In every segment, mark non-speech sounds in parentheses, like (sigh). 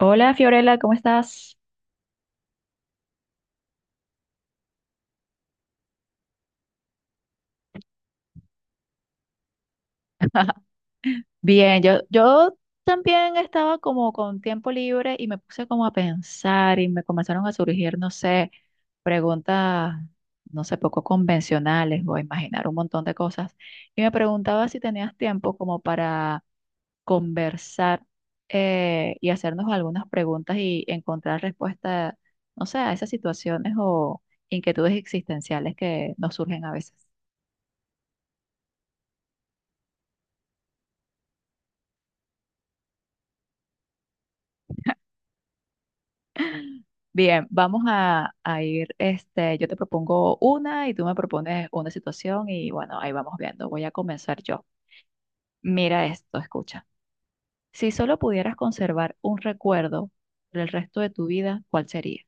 Hola Fiorella, ¿cómo estás? Bien, yo también estaba como con tiempo libre y me puse como a pensar y me comenzaron a surgir, no sé, preguntas, no sé, poco convencionales o a imaginar un montón de cosas. Y me preguntaba si tenías tiempo como para conversar y hacernos algunas preguntas y encontrar respuesta, no sé, a esas situaciones o inquietudes existenciales que nos surgen a veces. Bien, vamos a ir, este, yo te propongo una y tú me propones una situación y bueno, ahí vamos viendo. Voy a comenzar yo. Mira esto, escucha. Si solo pudieras conservar un recuerdo por el resto de tu vida, ¿cuál sería?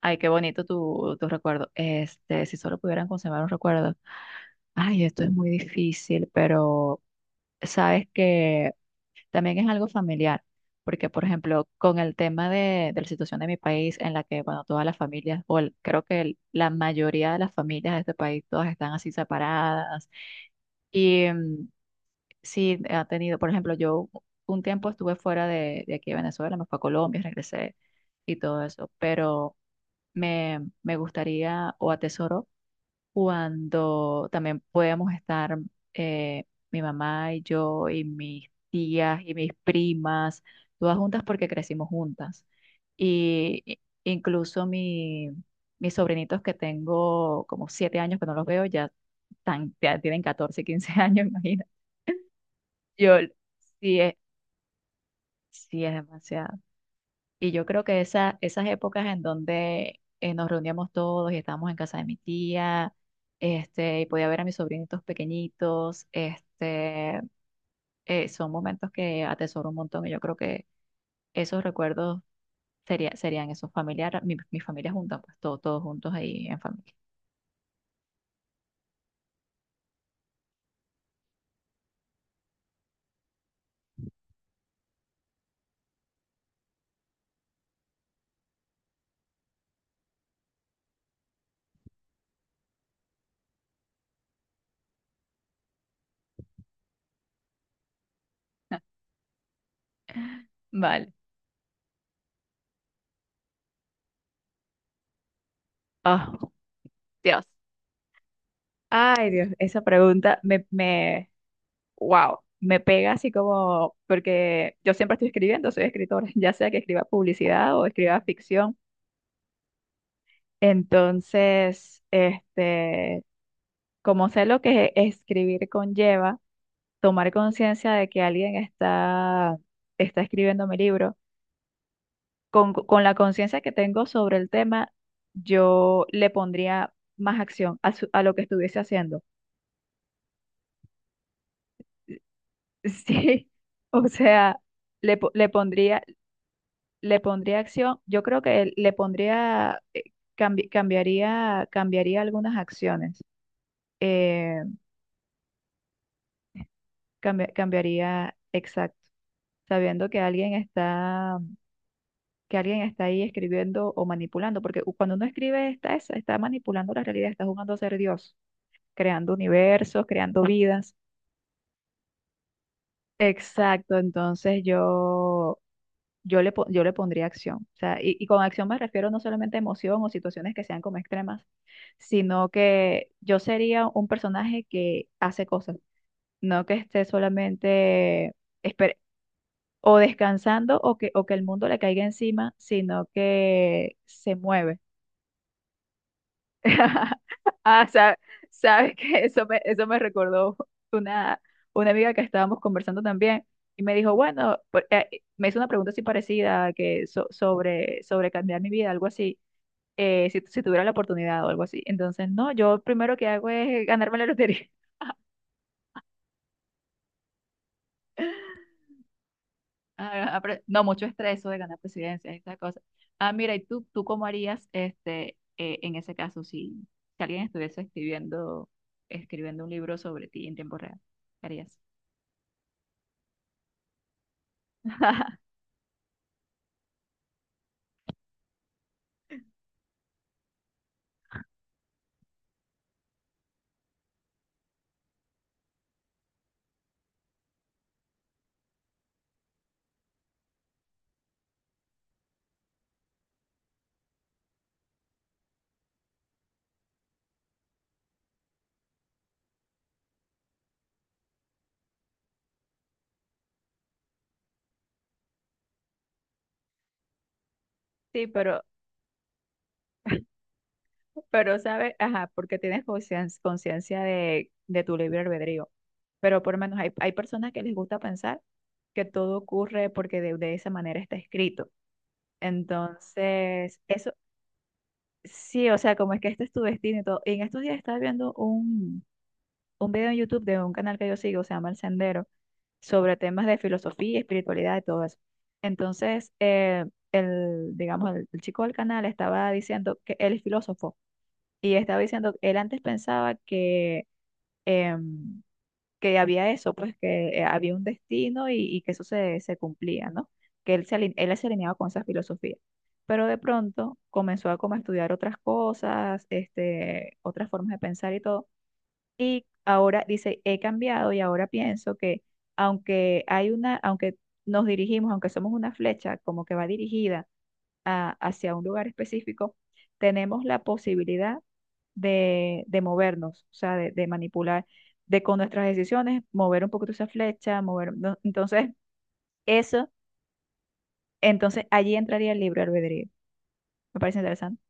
Ay, qué bonito tu recuerdo. Este, si solo pudieran conservar un recuerdo. Ay, esto es muy difícil, pero sabes que también es algo familiar, porque por ejemplo, con el tema de la situación de mi país, en la que, bueno, todas las familias, o creo que la mayoría de las familias de este país, todas están así separadas. Y sí, ha tenido, por ejemplo, yo un tiempo estuve fuera de aquí de Venezuela, me fui a Colombia, regresé y todo eso, pero me gustaría o atesoro cuando también podíamos estar eh, mi mamá y yo y mis tías y mis primas, todas juntas porque crecimos juntas. Y incluso mi, mis sobrinitos que tengo como siete años que no los veo, ya, ya tienen 14 15 años, (laughs) imagina. Yo, sí es, sí es demasiado. Y yo creo que esas épocas en donde nos reuníamos todos y estábamos en casa de mi tía, este, y podía ver a mis sobrinitos pequeñitos, este, son momentos que atesoro un montón y yo creo que esos recuerdos serían esos familiares, mi familia junta, pues todos juntos ahí en familia. (laughs) Vale. Oh, Dios. Ay, Dios, esa pregunta wow, me pega así como, porque yo siempre estoy escribiendo, soy escritora, (laughs) ya sea que escriba publicidad o escriba ficción. Entonces, este, como sé lo que escribir conlleva, tomar conciencia de que alguien está, está escribiendo mi libro, con la conciencia que tengo sobre el tema, yo le pondría más acción a, a lo que estuviese haciendo. (laughs) Sí, o sea, le, po- le pondría le pondría acción, yo creo que le pondría, cambiaría algunas acciones, eh, cambiaría, exacto, sabiendo que alguien está ahí escribiendo o manipulando, porque cuando uno escribe está, está manipulando la realidad, está jugando a ser Dios, creando universos, creando vidas. Exacto, entonces yo le pondría acción. O sea, y con acción me refiero no solamente a emoción o situaciones que sean como extremas, sino que yo sería un personaje que hace cosas, no que esté solamente esper- o descansando o que el mundo le caiga encima, sino que se mueve. (laughs) Ah, sabes que eso me recordó una, una amiga que estábamos conversando también y me dijo, bueno, me hizo una pregunta así parecida que sobre, sobre cambiar mi vida, algo así, si, si tuviera la oportunidad o algo así. Entonces, no, yo primero que hago es ganarme la lotería. (laughs) Ah, ah, no, mucho estrés eso de ganar presidencia, esa cosa. Ah, mira, ¿y tú cómo harías este, en ese caso si, si alguien estuviese escribiendo, escribiendo un libro sobre ti en tiempo real? ¿Qué harías? (laughs) Sí, pero sabes, ajá, porque tienes conciencia de tu libre albedrío. Pero por lo menos hay personas que les gusta pensar que todo ocurre porque de esa manera está escrito. Entonces, eso sí, o sea, como es que este es tu destino y todo. Y en estos días estaba viendo un video en YouTube de un canal que yo sigo, se llama El Sendero, sobre temas de filosofía, espiritualidad y todo eso. Entonces, el, digamos, el chico del canal estaba diciendo que él es filósofo. Y estaba diciendo, él antes pensaba que, em, que había eso, pues que había un destino y que se cumplía, ¿no? Que él se alineaba con esa filosofía. Pero de pronto comenzó a como estudiar otras cosas, este, otras formas de pensar y todo. Y ahora dice, he cambiado y ahora pienso que aunque hay una, aunque nos dirigimos, aunque somos una flecha como que va dirigida hacia un lugar específico, tenemos la posibilidad de movernos, o sea, de manipular, de con nuestras decisiones, mover un poquito esa flecha, mover, no, entonces, eso, entonces allí entraría el libre albedrío. Me parece interesante.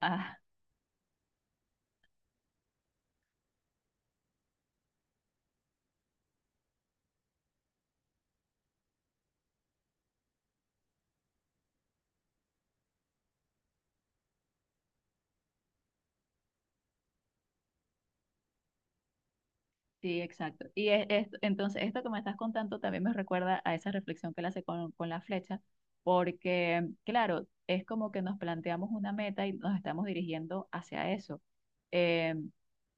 Ah, sí, exacto. Y es, entonces esto que me estás contando también me recuerda a esa reflexión que él hace con la flecha, porque claro, es como que nos planteamos una meta y nos estamos dirigiendo hacia eso. Em,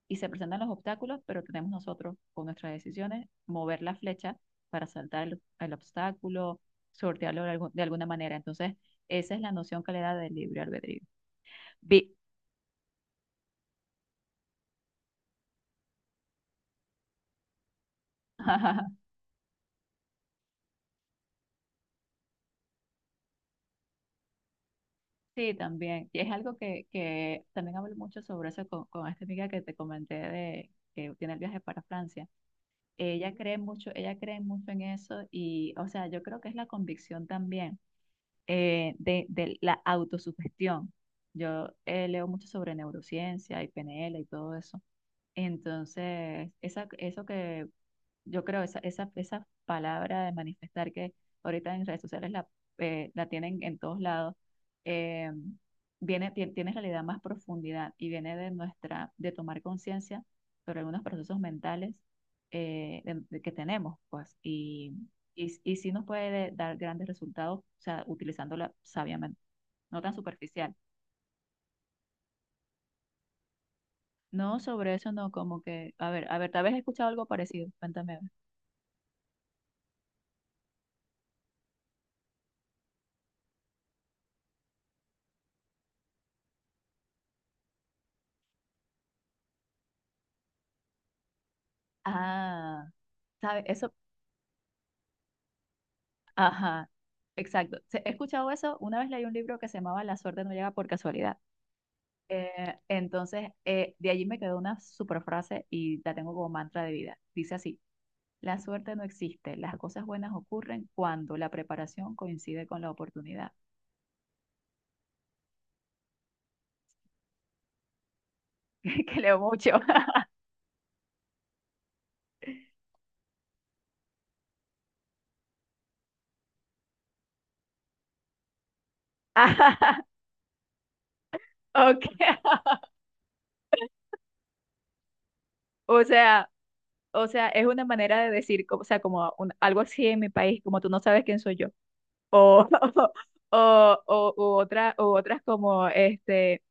y se presentan los obstáculos, pero tenemos nosotros con nuestras decisiones mover la flecha para saltar el obstáculo, sortearlo de, de alguna manera. Entonces, esa es la noción que le da del libre albedrío. Vi- (laughs) Sí, también. Y es algo que también hablo mucho sobre eso con esta amiga que te comenté de que tiene el viaje para Francia. Ella cree mucho en eso y, o sea, yo creo que es la convicción también. Eh, de la autosugestión. Yo leo mucho sobre neurociencia y PNL y todo eso. Entonces, eso que yo creo esa palabra de manifestar que ahorita en redes sociales la, la tienen en todos lados, eh, viene, tiene en realidad más profundidad y viene de nuestra, de tomar conciencia sobre algunos procesos mentales de que tenemos, pues, y, y sí nos puede dar grandes resultados, o sea, utilizándola sabiamente, no tan superficial. No, sobre eso no, como que, a ver, tal vez he escuchado algo parecido, cuéntame. A ver. Ah, ¿sabes? Eso, ajá, exacto. He escuchado eso. Una vez leí un libro que se llamaba La suerte no llega por casualidad. Eh, entonces, de allí me quedó una super frase y la tengo como mantra de vida. Dice así, la suerte no existe, las cosas buenas ocurren cuando la preparación coincide con la oportunidad. (laughs) Que leo mucho. (laughs) Ajá, ok. (laughs) O sea, o sea, es una manera de decir, o sea, como algo así en mi país, como tú no sabes quién soy yo. O, (laughs) o, o otra, o otras como este.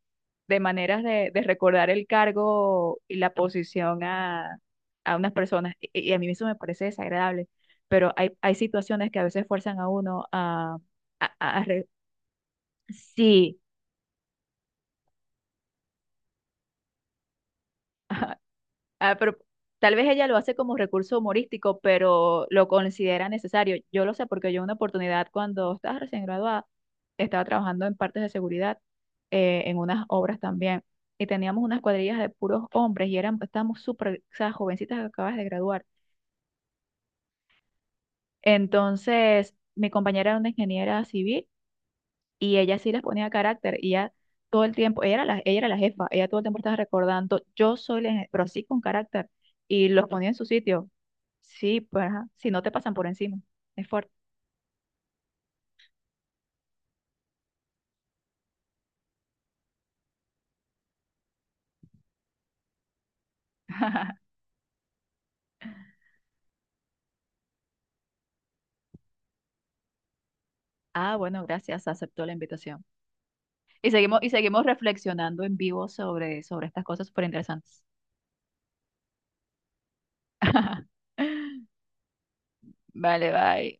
De maneras de recordar el cargo y la posición a unas personas. Y a mí eso me parece desagradable, pero hay situaciones que a veces fuerzan a uno a... a- a a re- sí, (laughs) ah, pero tal vez ella lo hace como recurso humorístico, pero lo considera necesario. Yo lo sé porque yo una oportunidad cuando estaba recién graduada, estaba trabajando en partes de seguridad, en unas obras también, y teníamos unas cuadrillas de puros hombres y eran, estábamos súper, o sea, jovencitas que acabas de graduar. Entonces, mi compañera era una ingeniera civil y ella sí les ponía carácter y ella todo el tiempo, ella era la jefa, ella todo el tiempo estaba recordando, yo soy la, pero sí con carácter y los ponía en su sitio. Sí, pues, ajá, si no te pasan por encima, es fuerte. Ah, bueno, gracias, aceptó la invitación. Y seguimos reflexionando en vivo sobre, sobre estas cosas súper interesantes. (laughs) Vale, bye.